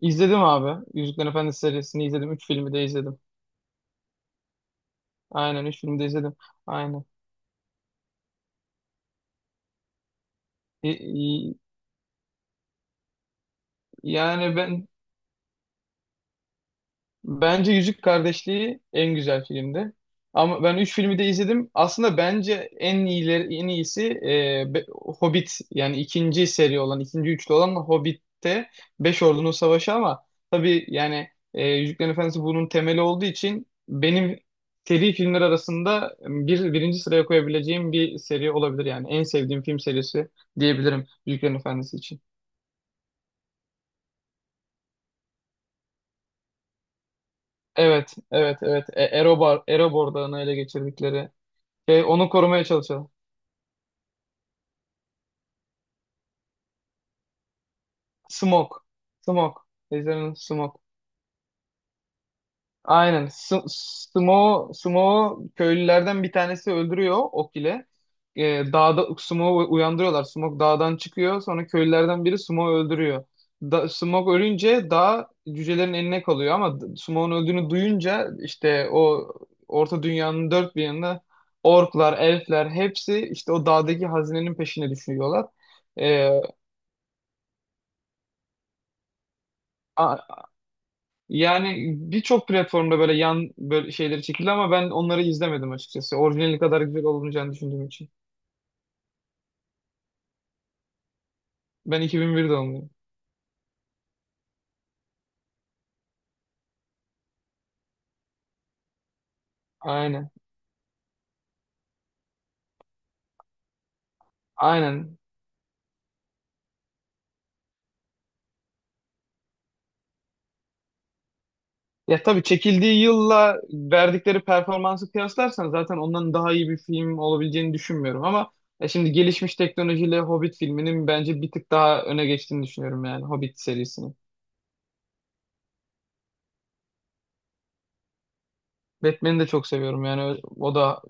İzledim abi. Yüzüklerin Efendisi serisini izledim. Üç filmi de izledim. Aynen üç filmi de izledim. Aynen. E, e, yani ben Bence Yüzük Kardeşliği en güzel filmdi. Ama ben üç filmi de izledim. Aslında bence en iyileri, en iyisi Hobbit, yani ikinci seri olan, ikinci üçlü olan Hobbit'te Beş Ordunun Savaşı. Ama tabii yani Yüzüklerin Efendisi bunun temeli olduğu için benim seri filmler arasında birinci sıraya koyabileceğim bir seri olabilir yani. En sevdiğim film serisi diyebilirim Yüzüklerin Efendisi için. Evet, evet, evet. Erobar, Erobor Dağı'nı ele geçirdikleri. Onu korumaya çalışalım. Smoke. Smoke. Ejderhanın Smoke. Aynen. Smoke'u köylülerden bir tanesi öldürüyor ok ile. Ee, Dağda Smoke'u uyandırıyorlar. Smoke dağdan çıkıyor. Sonra köylülerden biri Smoke'u öldürüyor. Da Smoke ölünce dağ cücelerin eline kalıyor ama Smoke'un öldüğünü duyunca işte o Orta Dünya'nın dört bir yanında orklar, elfler, hepsi işte o dağdaki hazinenin peşine düşüyorlar. Ee, Yani birçok platformda böyle şeyleri çekildi, ama ben onları izlemedim açıkçası. Orijinali kadar güzel olmayacağını düşündüğüm için. Ben 2001 doğumluyum. Aynen. Aynen. Ya tabii, çekildiği yılla verdikleri performansı kıyaslarsan zaten ondan daha iyi bir film olabileceğini düşünmüyorum, ama ya şimdi gelişmiş teknolojiyle Hobbit filminin bence bir tık daha öne geçtiğini düşünüyorum, yani Hobbit serisini. Batman'i de çok seviyorum, yani o da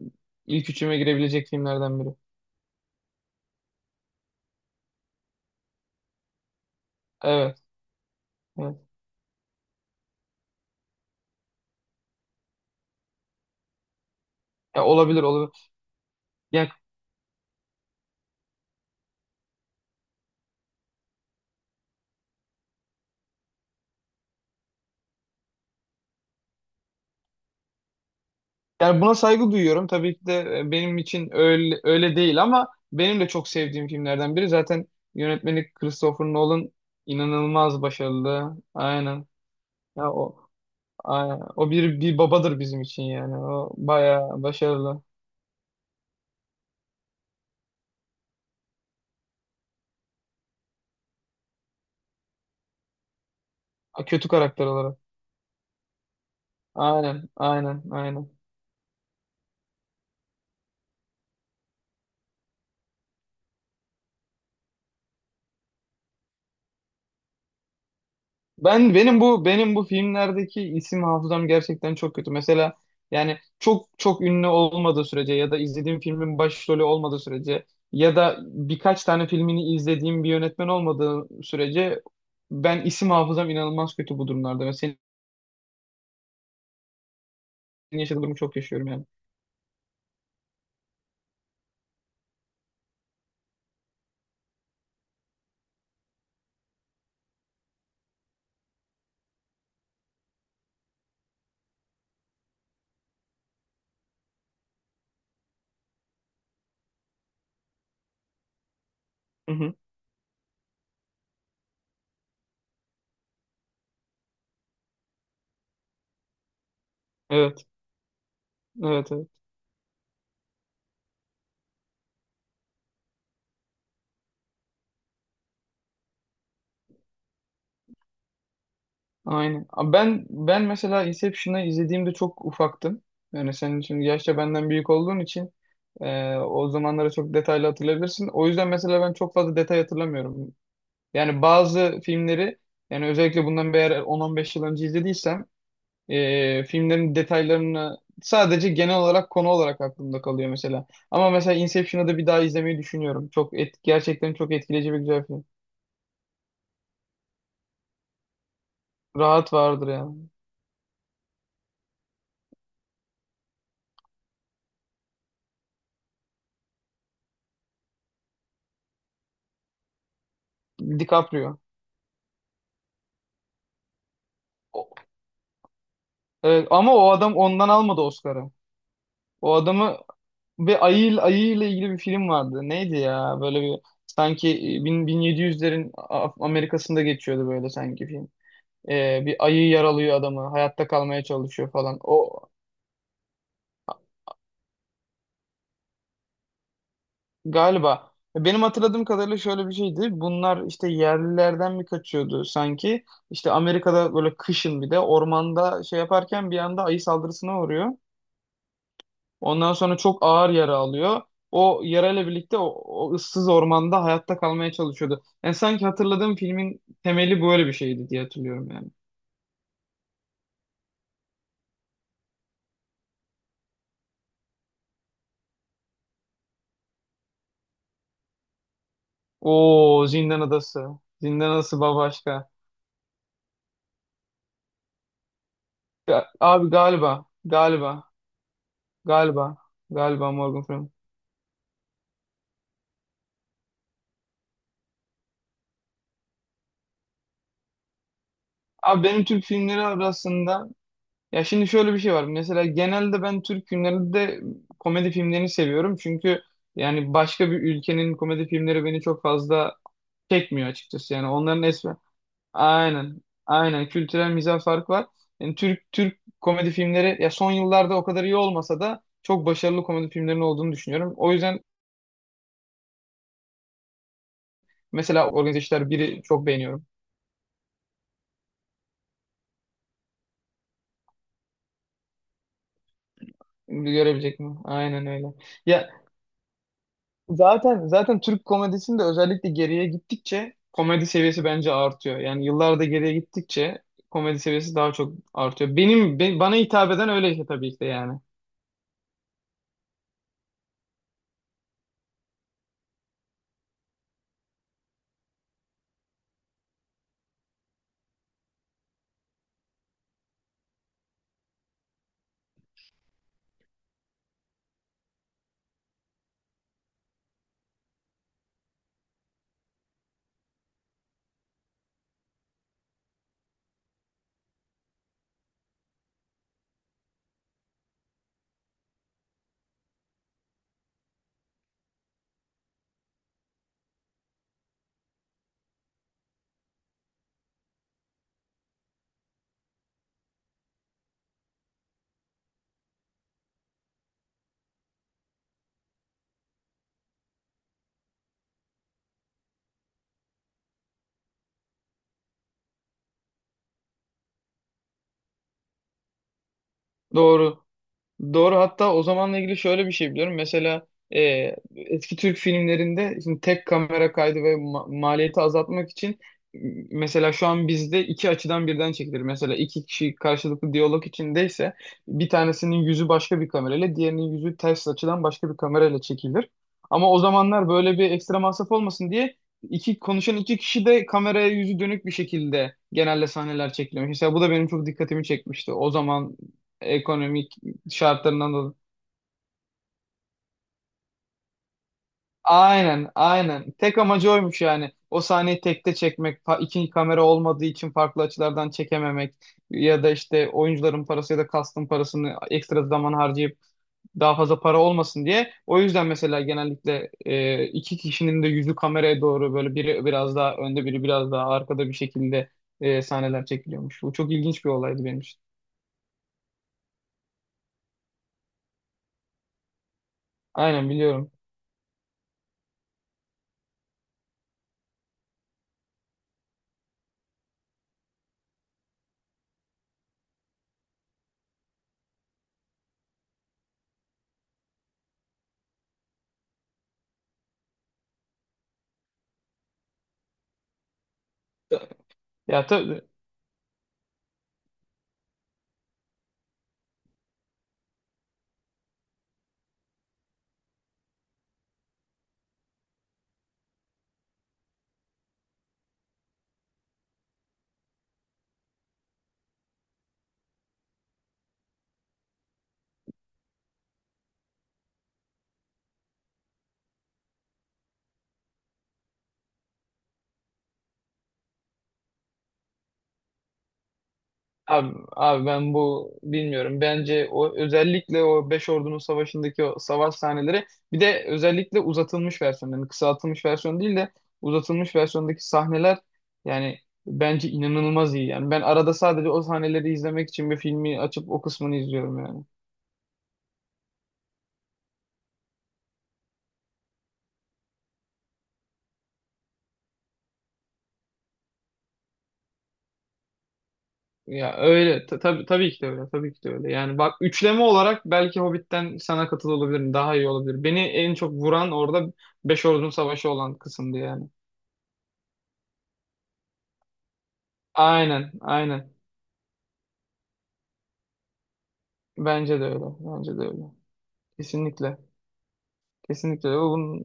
ilk üçüme girebilecek filmlerden biri. Evet, evet. Ya, olabilir olabilir. Yani buna saygı duyuyorum. Tabii ki de benim için öyle, öyle değil, ama benim de çok sevdiğim filmlerden biri. Zaten yönetmeni Christopher Nolan inanılmaz başarılı. Aynen. Ya, o aynen. O bir babadır bizim için yani. O bayağı başarılı. Ha, kötü karakter olarak. Aynen, aynen, aynen. Benim bu filmlerdeki isim hafızam gerçekten çok kötü. Mesela yani çok çok ünlü olmadığı sürece ya da izlediğim filmin başrolü olmadığı sürece ya da birkaç tane filmini izlediğim bir yönetmen olmadığı sürece ben, isim hafızam inanılmaz kötü bu durumlarda. Ve senin yaşadığın durumu çok yaşıyorum yani. Hı hı. Evet, evet, evet. Aynen. Ama ben mesela Inception'ı izlediğimde çok ufaktım. Yani senin şimdi yaşça benden büyük olduğun için o zamanları çok detaylı hatırlayabilirsin. O yüzden mesela ben çok fazla detay hatırlamıyorum. Yani bazı filmleri, yani özellikle bundan eğer 10-15 yıl önce izlediysem, filmlerin detaylarını sadece genel olarak, konu olarak aklımda kalıyor mesela. Ama mesela Inception'ı da bir daha izlemeyi düşünüyorum. Gerçekten çok etkileyici bir güzel film. Rahat vardır yani. DiCaprio. Evet, ama o adam ondan almadı Oscar'ı. O adamı ve ayı ile ilgili bir film vardı. Neydi ya? Böyle bir, sanki 1700'lerin Amerika'sında geçiyordu böyle sanki film. Bir ayı yaralıyor adamı. Hayatta kalmaya çalışıyor falan. O, galiba benim hatırladığım kadarıyla şöyle bir şeydi. Bunlar işte yerlilerden mi kaçıyordu sanki? İşte Amerika'da böyle kışın, bir de ormanda şey yaparken bir anda ayı saldırısına uğruyor. Ondan sonra çok ağır yara alıyor. O yarayla birlikte o ıssız ormanda hayatta kalmaya çalışıyordu. Yani sanki hatırladığım filmin temeli böyle bir şeydi diye hatırlıyorum yani. Oo, Zindan Adası. Zindan Adası bambaşka. Ya abi, galiba, galiba Morgan Freeman. Abi, benim Türk filmleri arasında, ya şimdi şöyle bir şey var. Mesela genelde ben Türk filmlerinde de komedi filmlerini seviyorum. Çünkü yani başka bir ülkenin komedi filmleri beni çok fazla çekmiyor açıkçası. Yani onların esmer. Aynen. Aynen. Kültürel mizah farkı var. Yani Türk komedi filmleri, ya son yıllarda o kadar iyi olmasa da, çok başarılı komedi filmlerinin olduğunu düşünüyorum. O yüzden mesela Organize İşler 1'i çok beğeniyorum. Görebilecek mi? Aynen öyle. Ya, zaten Türk komedisinde özellikle geriye gittikçe komedi seviyesi bence artıyor. Yani yıllarda geriye gittikçe komedi seviyesi daha çok artıyor. Benim, bana hitap eden öyle, işte tabii ki de yani. Doğru. Doğru, hatta o zamanla ilgili şöyle bir şey biliyorum. Mesela e, eski Türk filmlerinde, şimdi tek kamera kaydı ve maliyeti azaltmak için, e, mesela şu an bizde iki açıdan birden çekilir. Mesela iki kişi karşılıklı diyalog içindeyse bir tanesinin yüzü başka bir kamerayla, diğerinin yüzü ters açıdan başka bir kamerayla çekilir. Ama o zamanlar böyle bir ekstra masraf olmasın diye iki kişi de kameraya yüzü dönük bir şekilde genelde sahneler çekilmiş. Mesela bu da benim çok dikkatimi çekmişti. O zaman ekonomik şartlarından dolayı. Aynen, aynen. Tek amacı oymuş yani. O sahneyi tekte çekmek, iki kamera olmadığı için farklı açılardan çekememek ya da işte oyuncuların parası ya da kastın parasını ekstra zaman harcayıp daha fazla para olmasın diye. O yüzden mesela genellikle iki kişinin de yüzü kameraya doğru, böyle biri biraz daha önde biri biraz daha arkada bir şekilde sahneler çekiliyormuş. Bu çok ilginç bir olaydı benim için. Aynen, biliyorum. Ya tabii. Abi ben bu bilmiyorum. Bence o, özellikle o Beş Ordunun Savaşı'ndaki o savaş sahneleri, bir de özellikle uzatılmış versiyon, yani kısaltılmış versiyon değil de uzatılmış versiyondaki sahneler, yani bence inanılmaz iyi. Yani ben arada sadece o sahneleri izlemek için bir filmi açıp o kısmını izliyorum yani. Ya öyle, tabii tabii ki de öyle, tabii ki de öyle. Yani bak, üçleme olarak belki Hobbit'ten sana katıl olabilirim. Daha iyi olabilir. Beni en çok vuran orada Beş Ordunun Savaşı olan kısımdı yani. Aynen, aynen. Bence de öyle. Bence de öyle. Kesinlikle. Kesinlikle. O bunun